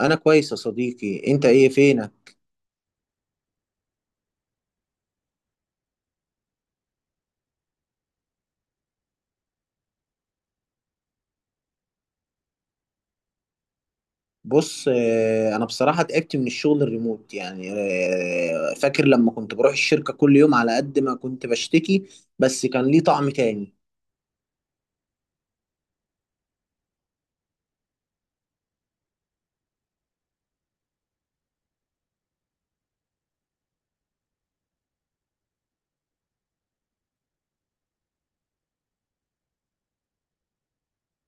انا كويس يا صديقي، انت ايه فينك؟ بص، انا بصراحه تعبت من الشغل الريموت، يعني فاكر لما كنت بروح الشركه كل يوم، على قد ما كنت بشتكي بس كان ليه طعم تاني.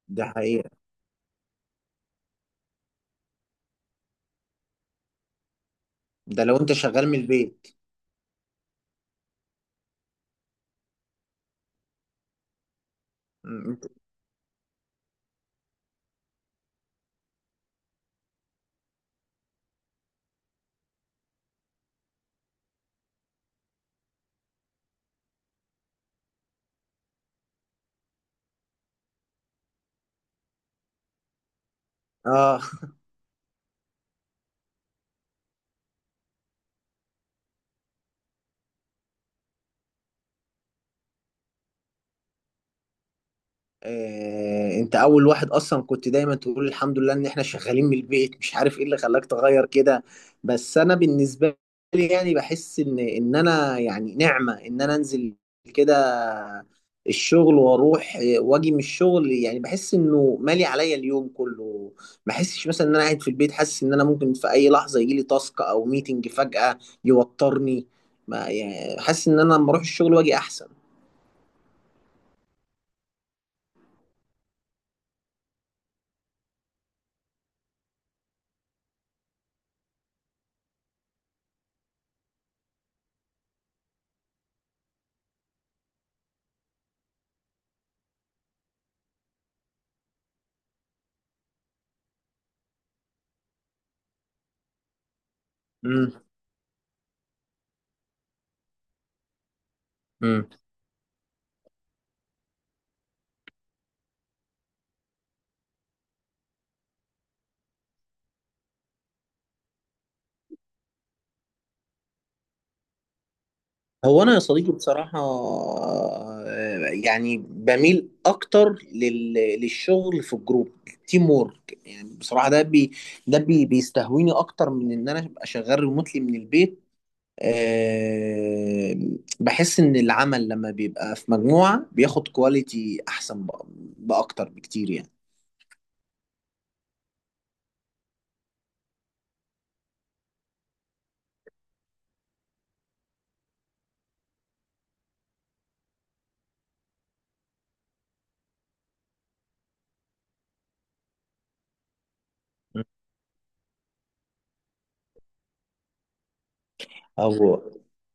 ده حقيقه، ده لو انت شغال من البيت. م- اه. انت اول واحد اصلا كنت دايما تقول الحمد لله ان احنا شغالين من البيت، مش عارف ايه اللي خلاك تغير كده. بس انا بالنسبه لي يعني بحس ان انا يعني نعمه ان انا انزل كده الشغل واروح، واجي من الشغل، يعني بحس انه مالي عليا اليوم كله. ما بحسش مثلا ان انا قاعد في البيت حاسس ان انا ممكن في اي لحظه يجي لي تاسك او ميتنج فجاه يوترني، ما يعني حاسس ان انا لما اروح الشغل واجي احسن. امم هو انا يا صديقي بصراحه يعني بميل اكتر للشغل في الجروب، تيم وورك يعني. بصراحه ده بي بيستهويني اكتر من ان انا ابقى شغال ريموتلي من البيت. أه. بحس ان العمل لما بيبقى في مجموعه بياخد كواليتي احسن، باكتر بكتير يعني. او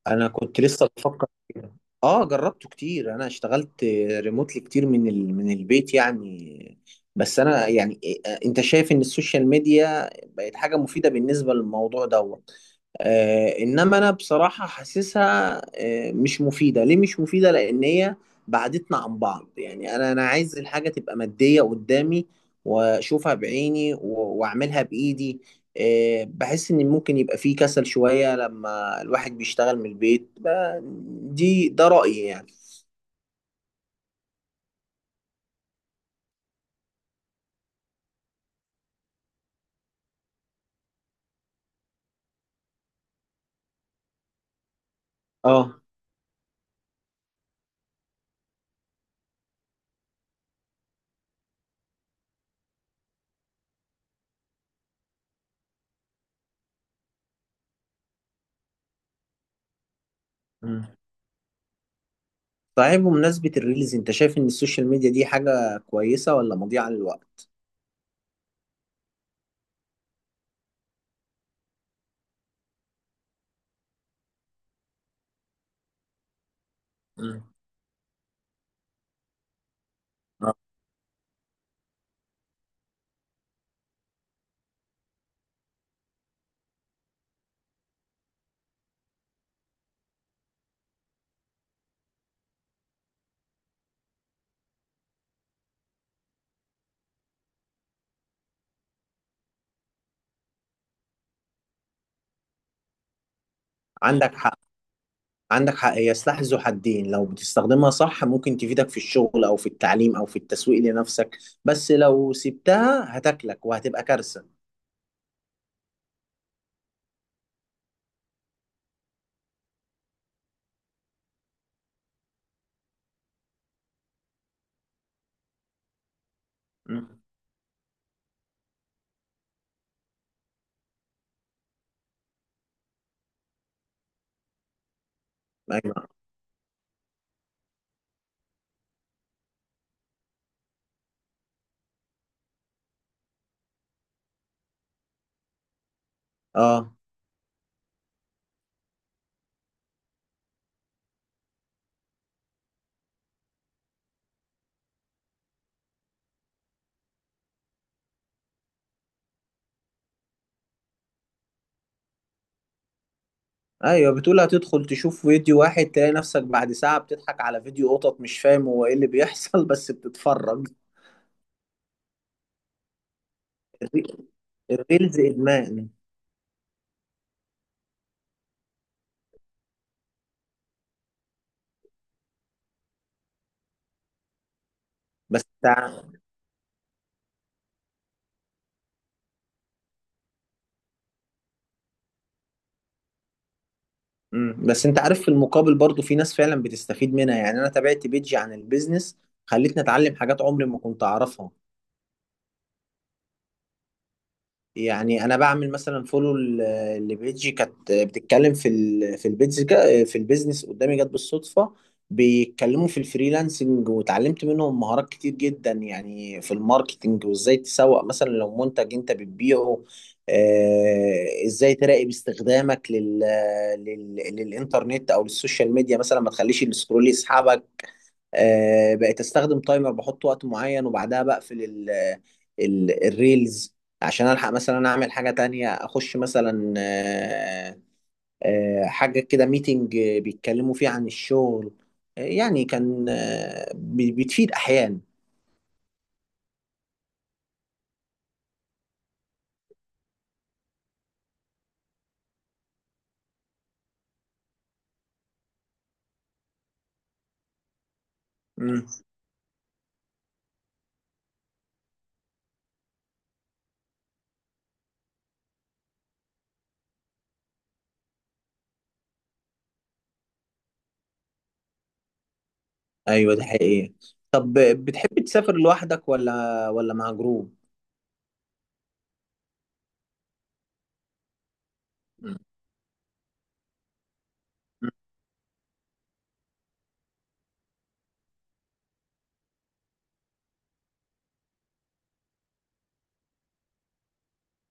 انا كنت لسه بفكر كده. اه جربته كتير، انا اشتغلت ريموتلي كتير من البيت يعني. بس انا يعني انت شايف ان السوشيال ميديا بقت حاجة مفيدة بالنسبة للموضوع ده؟ انما انا بصراحه حاسسها مش مفيده، ليه مش مفيده؟ لان هي بعدتنا عن بعض. يعني انا عايز الحاجه تبقى ماديه قدامي واشوفها بعيني واعملها بايدي. بحس ان ممكن يبقى فيه كسل شويه لما الواحد بيشتغل من البيت، ده رايي يعني. اه. مم. صحيح، بمناسبه الريلز انت شايف ان السوشيال ميديا دي حاجه كويسه ولا مضيعه للوقت؟ مم. آه، عندك حق، عندك حق، هي سلاح ذو حدين. لو بتستخدمها صح ممكن تفيدك في الشغل او في التعليم او في التسويق لنفسك، بس لو سبتها هتاكلك وهتبقى كارثة. مم. ايوه، اه، ايوه، بتقول هتدخل تشوف فيديو واحد تلاقي نفسك بعد ساعة بتضحك على فيديو قطط، مش فاهم هو ايه اللي بيحصل، بس بتتفرج. الري- الريلز ادمان. بس تع- مم. بس انت عارف في المقابل برضو في ناس فعلا بتستفيد منها. يعني انا تابعت بيجي عن البيزنس خلتني اتعلم حاجات عمري ما كنت اعرفها. يعني انا بعمل مثلا فولو لبيجي كانت بتتكلم في البيزنس، قدامي جت بالصدفه. بيتكلموا في الفريلانسنج وتعلمت منهم مهارات كتير جدا، يعني في الماركتنج وازاي تسوق مثلا لو منتج انت بتبيعه. ازاي تراقب استخدامك للانترنت او للسوشيال ميديا، مثلا ما تخليش السكرول يسحبك. بقيت استخدم تايمر، بحط وقت معين وبعدها بقفل ال الريلز عشان الحق مثلا اعمل حاجة تانية، اخش مثلا حاجة كده ميتنج بيتكلموا فيه عن الشغل. يعني كان بتفيد احيانا. مم. ايوه ده حقيقي. طب بتحب تسافر لوحدك ولا مع جروب؟ مم.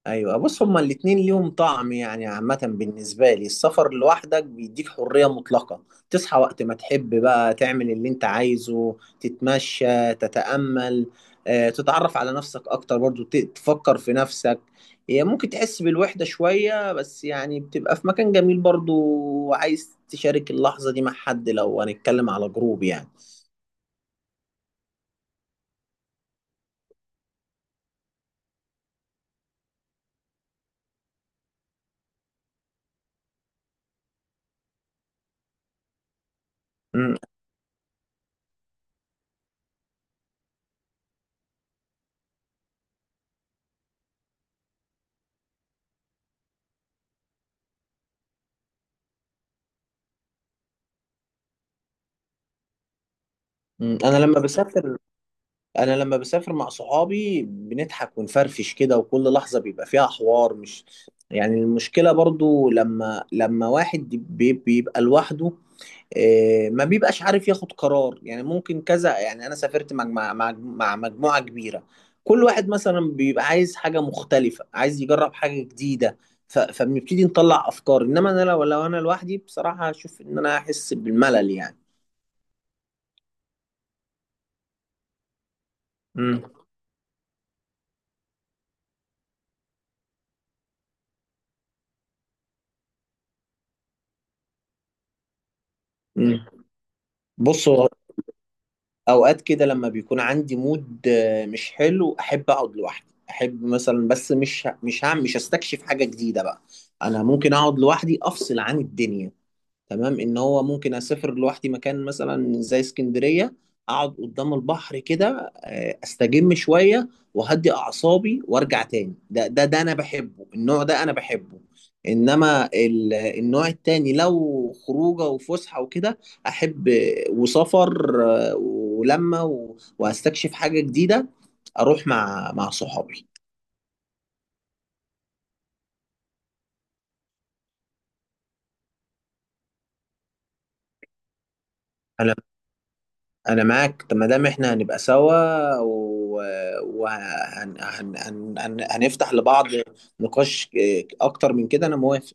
ايوه، بص هما الاتنين ليهم طعم، يعني عامة بالنسبة لي السفر لوحدك بيديك حرية مطلقة. تصحى وقت ما تحب، بقى تعمل اللي انت عايزه، تتمشى، تتأمل، تتعرف على نفسك اكتر برضو، تفكر في نفسك. هي ممكن تحس بالوحدة شوية بس يعني بتبقى في مكان جميل برضو، وعايز تشارك اللحظة دي مع حد، لو هنتكلم على جروب يعني. مم. مم. انا لما بسافر مع صحابي بنضحك ونفرفش كده، وكل لحظة بيبقى فيها حوار، مش يعني. المشكلة برضو لما واحد بيبقى لوحده، ما بيبقاش عارف ياخد قرار. يعني ممكن كذا، يعني انا سافرت مع مجموعة كبيرة، كل واحد مثلا بيبقى عايز حاجة مختلفة، عايز يجرب حاجة جديدة. فبنبتدي نطلع افكار. انما انا لو انا لوحدي بصراحة هشوف ان انا احس بالملل يعني. امم مم. بص هو، اوقات كده لما بيكون عندي مود مش حلو، احب اقعد لوحدي، احب مثلا، بس مش هستكشف حاجة جديدة بقى. انا ممكن اقعد لوحدي افصل عن الدنيا، تمام ان هو ممكن اسافر لوحدي مكان مثلا زي اسكندريه، اقعد قدام البحر كده استجم شويه واهدي اعصابي وارجع تاني. ده انا بحبه، النوع ده انا بحبه. انما النوع التاني لو خروجه وفسحه وكده، احب وسفر، ولما وهستكشف حاجه جديده اروح مع صحابي. انا انا معاك. طب ما دام احنا هنبقى سوا وهنفتح لبعض نقاش اكتر من كده، انا موافق.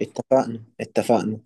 اتفقنا اتفقنا.